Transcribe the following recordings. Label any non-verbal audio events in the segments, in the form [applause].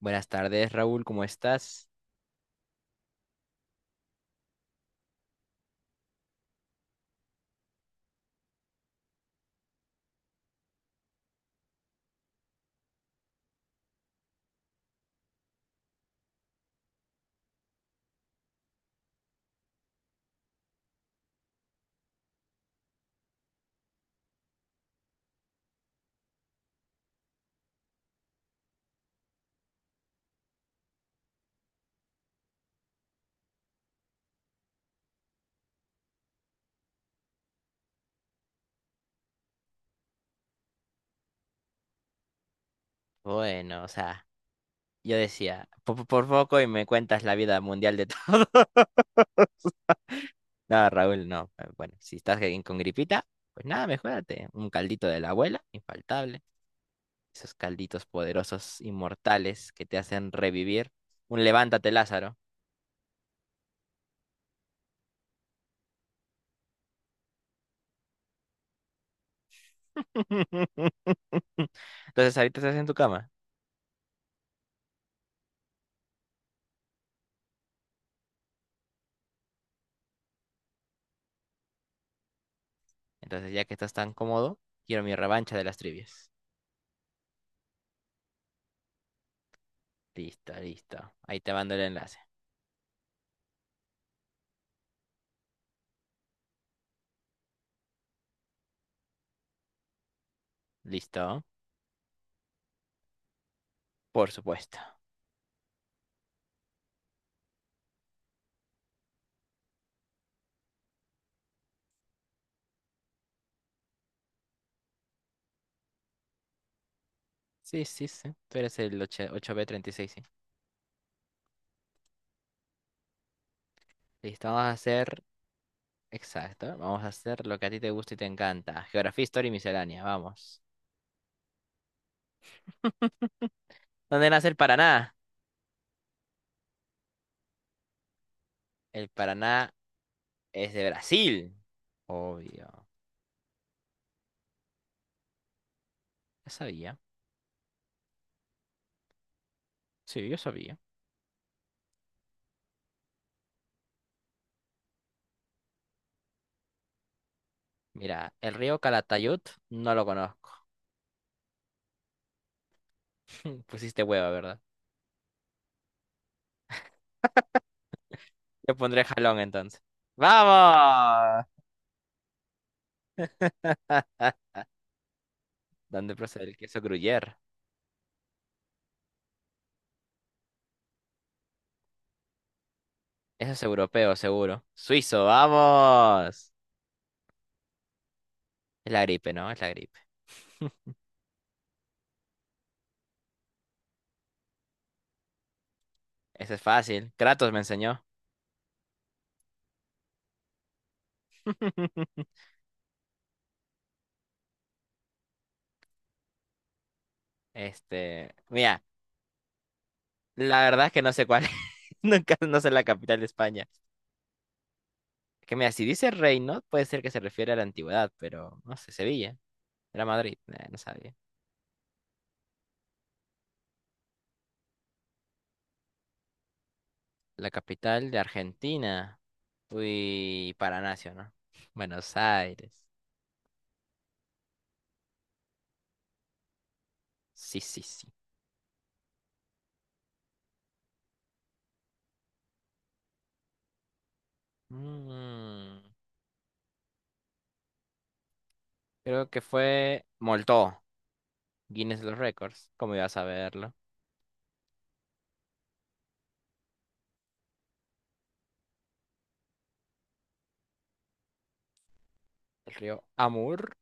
Buenas tardes, Raúl, ¿cómo estás? Bueno, o sea, yo decía, por poco y me cuentas la vida mundial de todos. [laughs] No, Raúl, no. Bueno, si estás ahí con gripita, pues nada, mejórate. Un caldito de la abuela, infaltable. Esos calditos poderosos, inmortales, que te hacen revivir. Un levántate, Lázaro. [laughs] Entonces, ahorita estás en tu cama. Entonces, ya que estás tan cómodo, quiero mi revancha de las trivias. Listo, listo. Ahí te mando el enlace. ¿Listo? Por supuesto. Sí, sí, sí. Tú eres el 8 8B36, sí. Listo, vamos a hacer. Exacto. Vamos a hacer lo que a ti te gusta y te encanta. Geografía, historia y miscelánea. Vamos. ¿Dónde nace el Paraná? El Paraná es de Brasil. Obvio. Yo sabía. Sí, yo sabía. Mira, el río Calatayud no lo conozco. [laughs] Pusiste hueva, ¿verdad? Yo pondré jalón entonces. ¡Vamos! [laughs] ¿Dónde procede el queso gruyère? Eso es europeo, seguro. Suizo, vamos. Es la gripe, ¿no? Es la gripe. Ese es fácil. Kratos me enseñó. [laughs] Este, mira, la verdad es que no sé cuál es. [laughs] Nunca no sé la capital de España. Que mira, si dice reino, puede ser que se refiere a la antigüedad, pero no sé, Sevilla. Era Madrid, no sabía. La capital de Argentina. Uy, Paranacio, ¿no? [laughs] Buenos Aires. Sí, sí, sí. Mm, creo que fue Moltó, Guinness de los Récords. ¿Cómo iba a saberlo? El río Amur.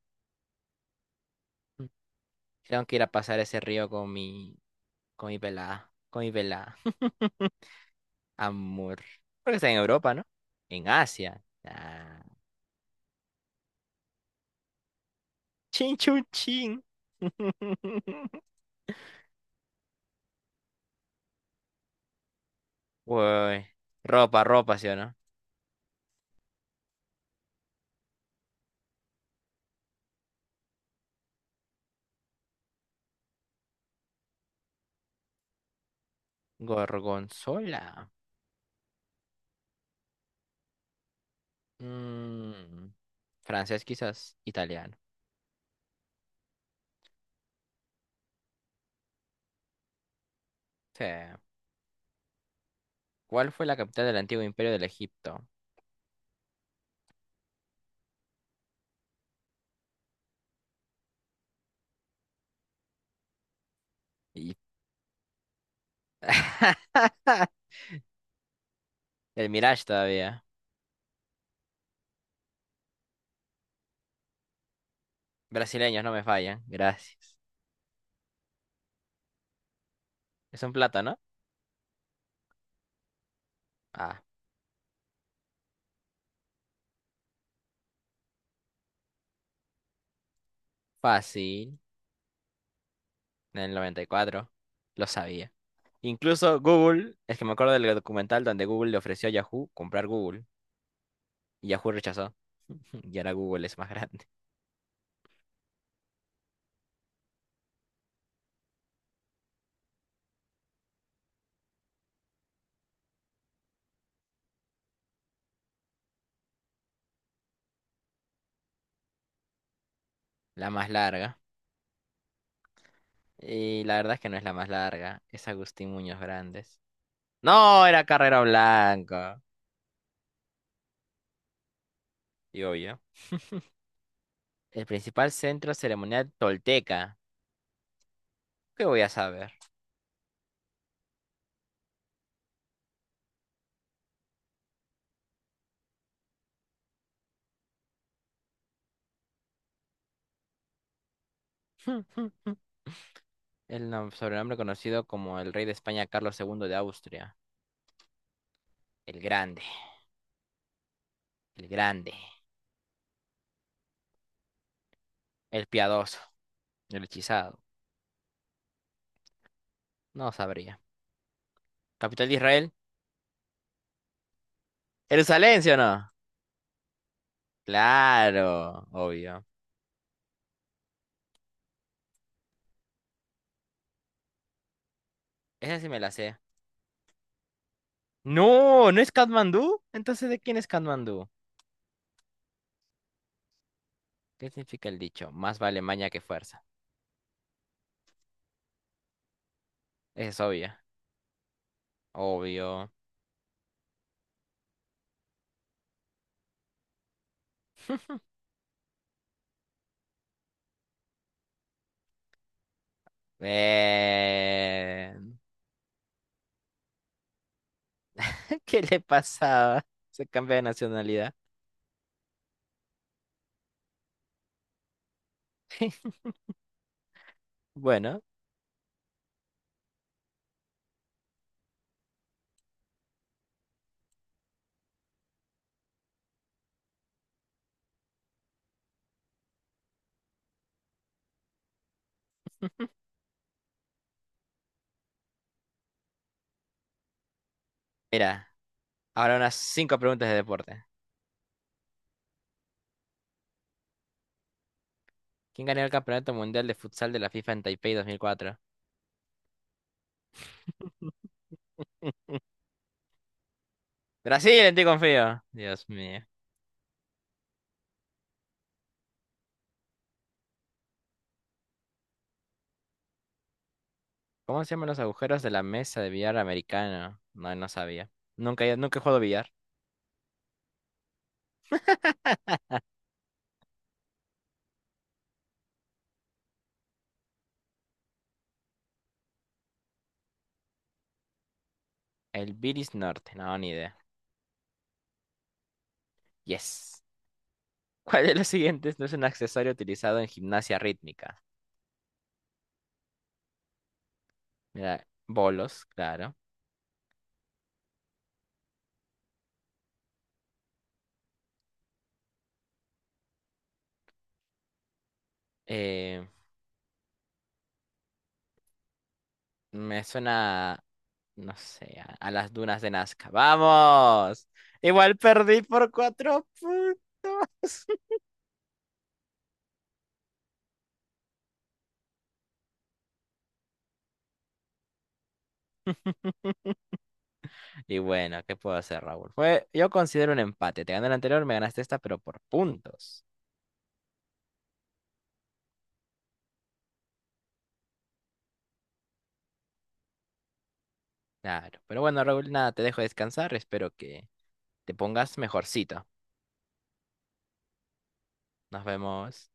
Mm. Tengo que ir a pasar ese río con mi Con mi pelada, con mi pelada. Amor. Porque está en Europa, ¿no? En Asia. Ah. Chin, chun, chin. [laughs] Uy. Ropa, ropa, ¿sí o no? Gorgonzola. Mm, francés, quizás. Italiano. Sí. ¿Cuál fue la capital del antiguo imperio del Egipto? Y- [laughs] El Mirage todavía. Brasileños no me fallan. Gracias. Es un plátano. Ah, fácil. En el noventa y cuatro, lo sabía. Incluso Google, es que me acuerdo del documental donde Google le ofreció a Yahoo comprar Google y Yahoo rechazó. [laughs] Y ahora Google es más grande. [laughs] La más larga. Y la verdad es que no es la más larga, es Agustín Muñoz Grandes. No, era Carrera Blanca. Y obvio. El principal centro ceremonial tolteca. ¿Qué voy a saber? [laughs] El sobrenombre conocido como el rey de España Carlos II de Austria. El grande, el grande, el piadoso, el hechizado. No sabría. Capital de Israel. ¿Jerusalén, sí o no? Claro, obvio. Esa sí me la sé. No, ¿no es Katmandú? Entonces, ¿de quién es Katmandú? ¿Qué significa el dicho? Más vale maña que fuerza. Esa es obvia. Obvio. Eh... [laughs] ¿Qué le pasaba? Se cambia de nacionalidad. [laughs] Bueno, mira, ahora unas 5 preguntas de deporte. ¿Quién ganó el Campeonato Mundial de Futsal de la FIFA en Taipei 2004? [laughs] Brasil, en ti confío. Dios mío. ¿Cómo se llaman los agujeros de la mesa de billar americano? No, no sabía. Nunca, nunca he jugado billar. El Bilis Norte, no, ni idea. Yes. [laughs] ¿Cuál de los siguientes no es un accesorio utilizado en gimnasia rítmica? Mira, bolos, claro. Eh, me suena, no sé, a las dunas de Nazca. ¡Vamos! Igual perdí por 4 puntos. [laughs] Y bueno, ¿qué puedo hacer, Raúl? Fue, yo considero un empate. Te gané el anterior, me ganaste esta, pero por puntos. Claro. Pero bueno, Raúl, nada, te dejo descansar. Espero que te pongas mejorcito. Nos vemos.